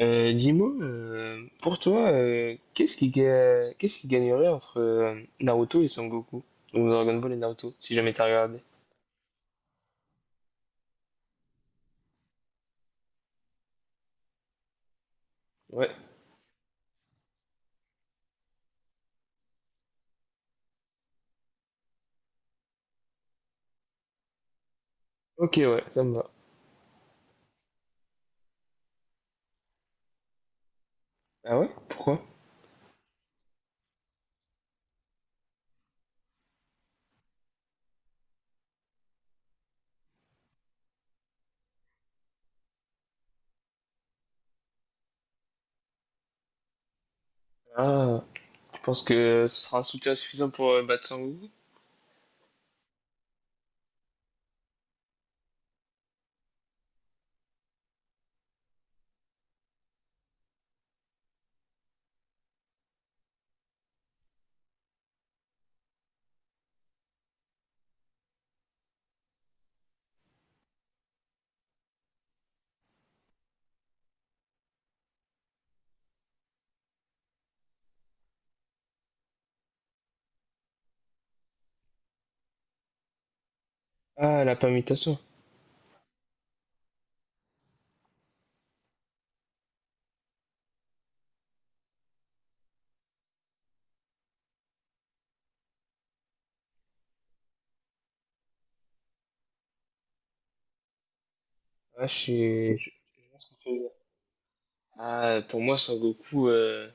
Dis-moi, pour toi, qu'est-ce qui, qu'est-ce qui gagnerait entre Naruto et Son Goku? Donc Dragon Ball et Naruto, si jamais t'as regardé. Ouais, ok, ouais, ça me va. Ah ouais? Pourquoi? Ah, tu penses que ce sera un soutien suffisant pour battre Son Goku? Ah, la permutation. Ah, je vois ce que tu veux dire. Ah, pour moi, Son Goku...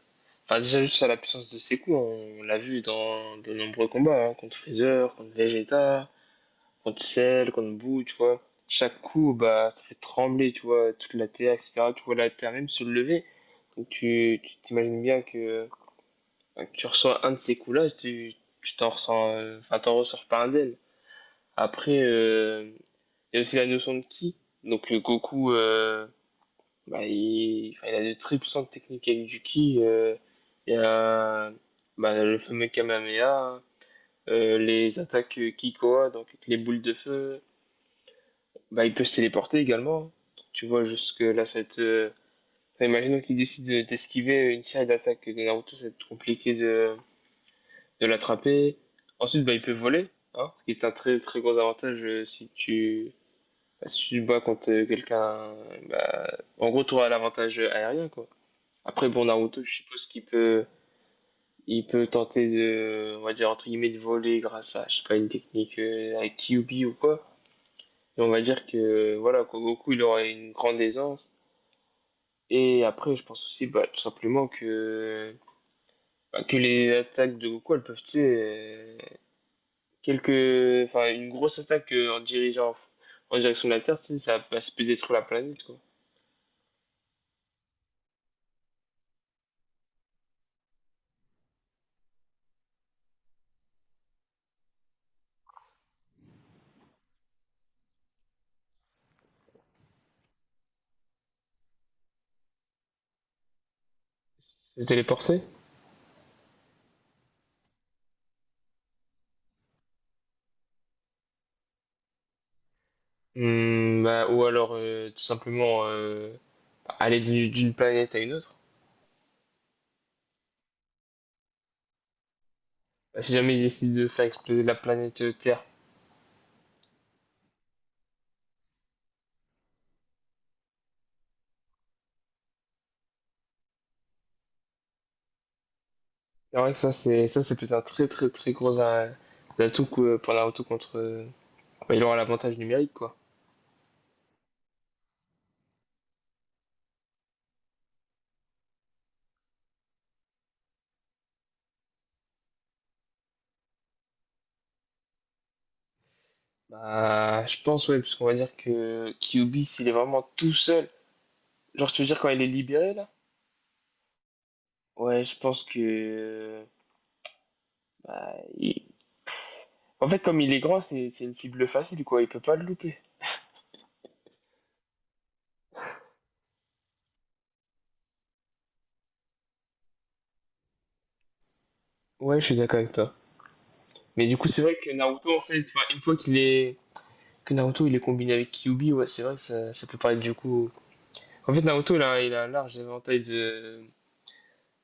Enfin, déjà, juste à la puissance de ses coups, on l'a vu dans de nombreux combats, hein, contre Freezer, contre Vegeta... Contre sel, contre boue, tu vois. Chaque coup, bah, ça fait trembler, tu vois, toute la terre, etc. Tu vois la terre même se lever. Donc tu t'imagines bien que tu reçois un de ces coups-là, tu t'en ressens, enfin, t'en ressors pas un d'elle. Après, il y a aussi la notion de ki. Donc Goku, bah, il, enfin, il a de très puissantes techniques avec du ki. Il y a bah, le fameux Kamehameha, les attaques Kikoa, donc avec les boules de feu. Bah, il peut se téléporter également. Tu vois, jusque là, ça va être. Enfin, imaginons qu'il décide d'esquiver une série d'attaques de Naruto, ça va être compliqué de l'attraper. Ensuite, bah, il peut voler, hein, ce qui est un très très gros avantage si tu. Bah, si tu te bats contre quelqu'un, bah, en gros, tu auras l'avantage aérien, quoi. Après, bon, Naruto, je suppose qu'il peut, il peut tenter de, on va dire, entre guillemets, de voler grâce à, je sais pas, une technique avec Kyuubi ou quoi. Et on va dire que, voilà, quoi, Goku, il aura une grande aisance. Et après, je pense aussi, bah, tout simplement que, bah, que les attaques de Goku, elles peuvent, tu sais, quelques, enfin, une grosse attaque en dirigeant en direction de la Terre, tu sais, ça, bah, ça peut détruire la planète, quoi. Se téléporter? Hmm, bah, ou alors, tout simplement, aller d'une planète à une autre. Bah, si jamais ils décident de faire exploser la planète Terre, c'est vrai que ça, c'est peut-être un très, très, très gros atout que, pour Naruto contre, bah, il aura l'avantage numérique, quoi. Bah, je pense, ouais, parce qu'on va dire que Kyubi, s'il est vraiment tout seul, genre, tu veux dire quand il est libéré, là? Ouais, je pense que. Bah, en fait, comme il est grand, c'est une cible facile, quoi. Il peut pas le louper. Ouais, je suis d'accord avec toi. Mais du coup, c'est vrai que Naruto, en fait, enfin, une fois qu'il est. Que Naruto, il est combiné avec Kyubi, ouais, c'est vrai que ça peut paraître du coup. En fait, Naruto, il a un large éventail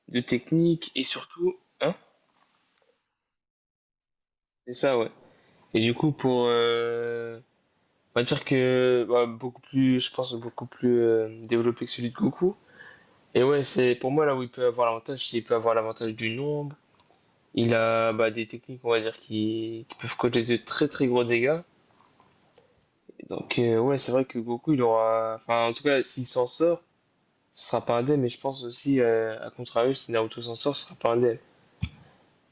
de techniques et surtout. Hein? C'est ça, ouais. Et du coup, pour. On va dire que bah, beaucoup plus, je pense, beaucoup plus développé que celui de Goku. Et ouais, c'est pour moi là où il peut avoir l'avantage, c'est qu'il peut avoir l'avantage du nombre. Il a bah, des techniques, on va dire, qui peuvent causer de très très gros dégâts. Et donc ouais, c'est vrai que Goku, il aura... Enfin, en tout cas, s'il s'en sort, ce sera pas indemne. Mais je pense aussi, à contrario, si Naruto s'en sort, ce sera pas indemne.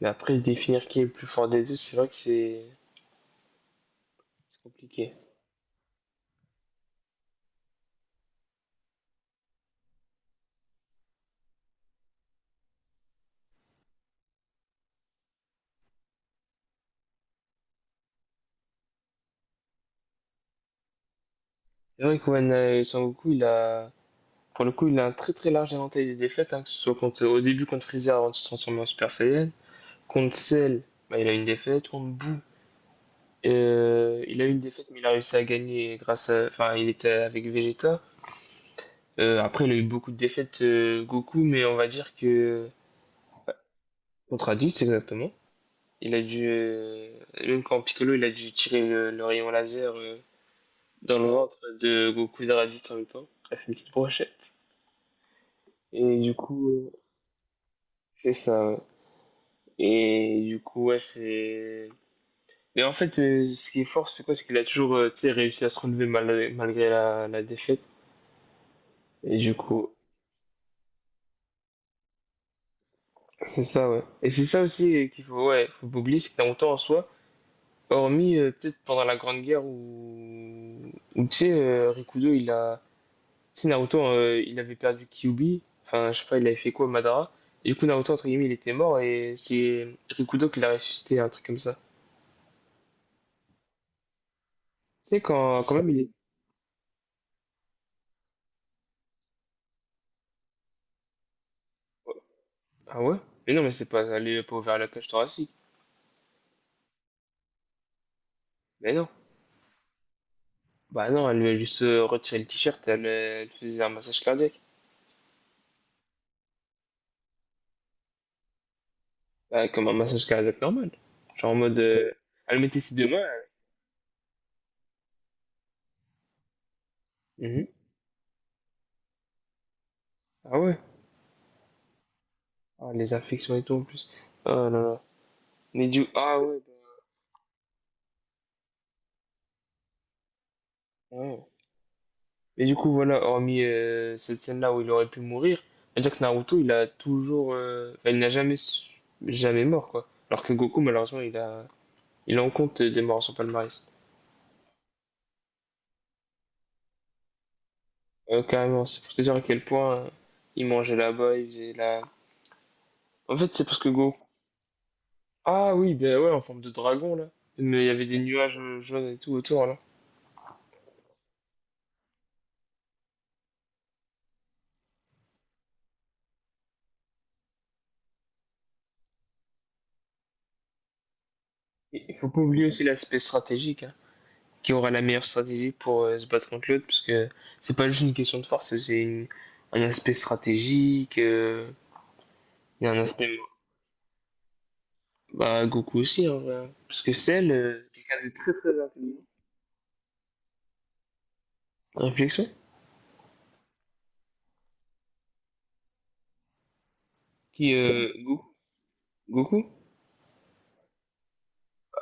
Mais après, définir qui est le plus fort des deux, c'est vrai que c'est compliqué. C'est vrai que ouais, Son Goku, il a... Pour le coup, il a un très très large éventail des défaites, hein, que ce soit contre, au début contre Freezer avant de se transformer en Super Saiyan. Contre Cell, bah, il a une défaite. Contre Boo, il a eu une défaite, mais il a réussi à gagner grâce à. Enfin, il était avec Vegeta. Après, il a eu beaucoup de défaites, Goku, mais on va dire que. Contre Raditz, exactement. Il a dû. Même quand Piccolo, il a dû tirer le rayon laser dans le ventre de Goku et de Raditz en même temps. Il a fait une petite brochette. Et du coup, c'est ça. Ouais. Et du coup, ouais, c'est. Mais en fait, ce qui est fort, c'est quoi? C'est qu'il a toujours, tu sais, réussi à se relever malgré la, la défaite. Et du coup, c'est ça, ouais. Et c'est ça aussi qu'il faut, ouais, faut pas oublier, c'est que t'as longtemps en soi, hormis peut-être pendant la Grande Guerre où, où tu sais, Rikudo, il a. Tu sais, Naruto, il avait perdu Kyuubi. Enfin, je sais pas, il avait fait quoi, Madara. Et du coup, Naruto, entre guillemets, il était mort et c'est Rikudo qui l'a ressuscité, un truc comme ça. Tu sais, quand, quand même, il est. Ah ouais? Mais non, mais c'est pas, elle lui a pas ouvert la cage thoracique. Mais non. Bah non, elle lui a juste retiré le t-shirt, elle, elle faisait un massage cardiaque. Bah, comme un massage cardiaque normal. Genre en mode, elle mettait ses deux mains. Mhm. Ah ouais? Ah, les infections et tout en plus. Oh là là. Mais du, ah ouais. Bah, ouais. Mais du coup, voilà, hormis cette scène-là où il aurait pu mourir, c'est-à-dire que Naruto, il a toujours, enfin, il n'a jamais, jamais mort quoi. Alors que Goku, malheureusement, il a, il en compte des morts à son palmarès. Carrément, c'est pour te dire à quel point ils mangeaient là-bas, ils faisaient la... En fait, c'est parce que Goku... Ah oui, ben ouais, en forme de dragon, là. Mais il y avait des nuages jaunes et tout autour, là. Et il faut pas oublier aussi l'aspect stratégique, hein, qui aura la meilleure stratégie pour se battre contre l'autre, parce que c'est pas juste une question de force, un aspect stratégique, il y a un aspect... Bah, Goku aussi, en vrai. Hein. Parce que Cell, quelqu'un de très très intelligent. Réflexion. Qui, Goku,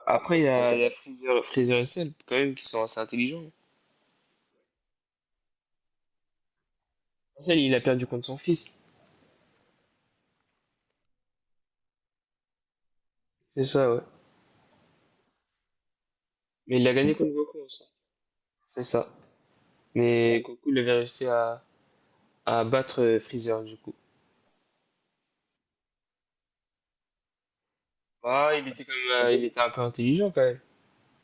après, il y a Fraser, Fraser et Cell, quand même, qui sont assez intelligents. Cell, il a perdu contre son fils. C'est ça, ouais. Mais il a gagné contre Goku, ça. C'est ça. Mais Goku, il avait réussi à battre Freezer, du coup. Ah il était quand même, il était un peu intelligent, quand même.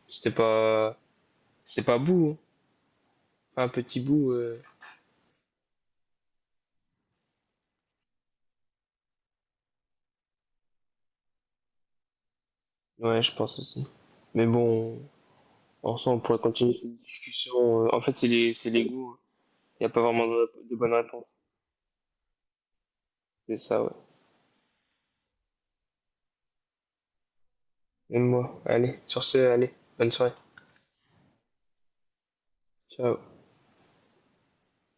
C'était pas, c'était pas bout, hein. Un petit bout, Ouais, je pense aussi. Mais bon, en soi, on pourrait continuer cette discussion. En fait, c'est les goûts. Hein. Il n'y a pas vraiment de bonne réponse. C'est ça, ouais. Même moi. Allez, sur ce, allez. Bonne soirée. Ciao.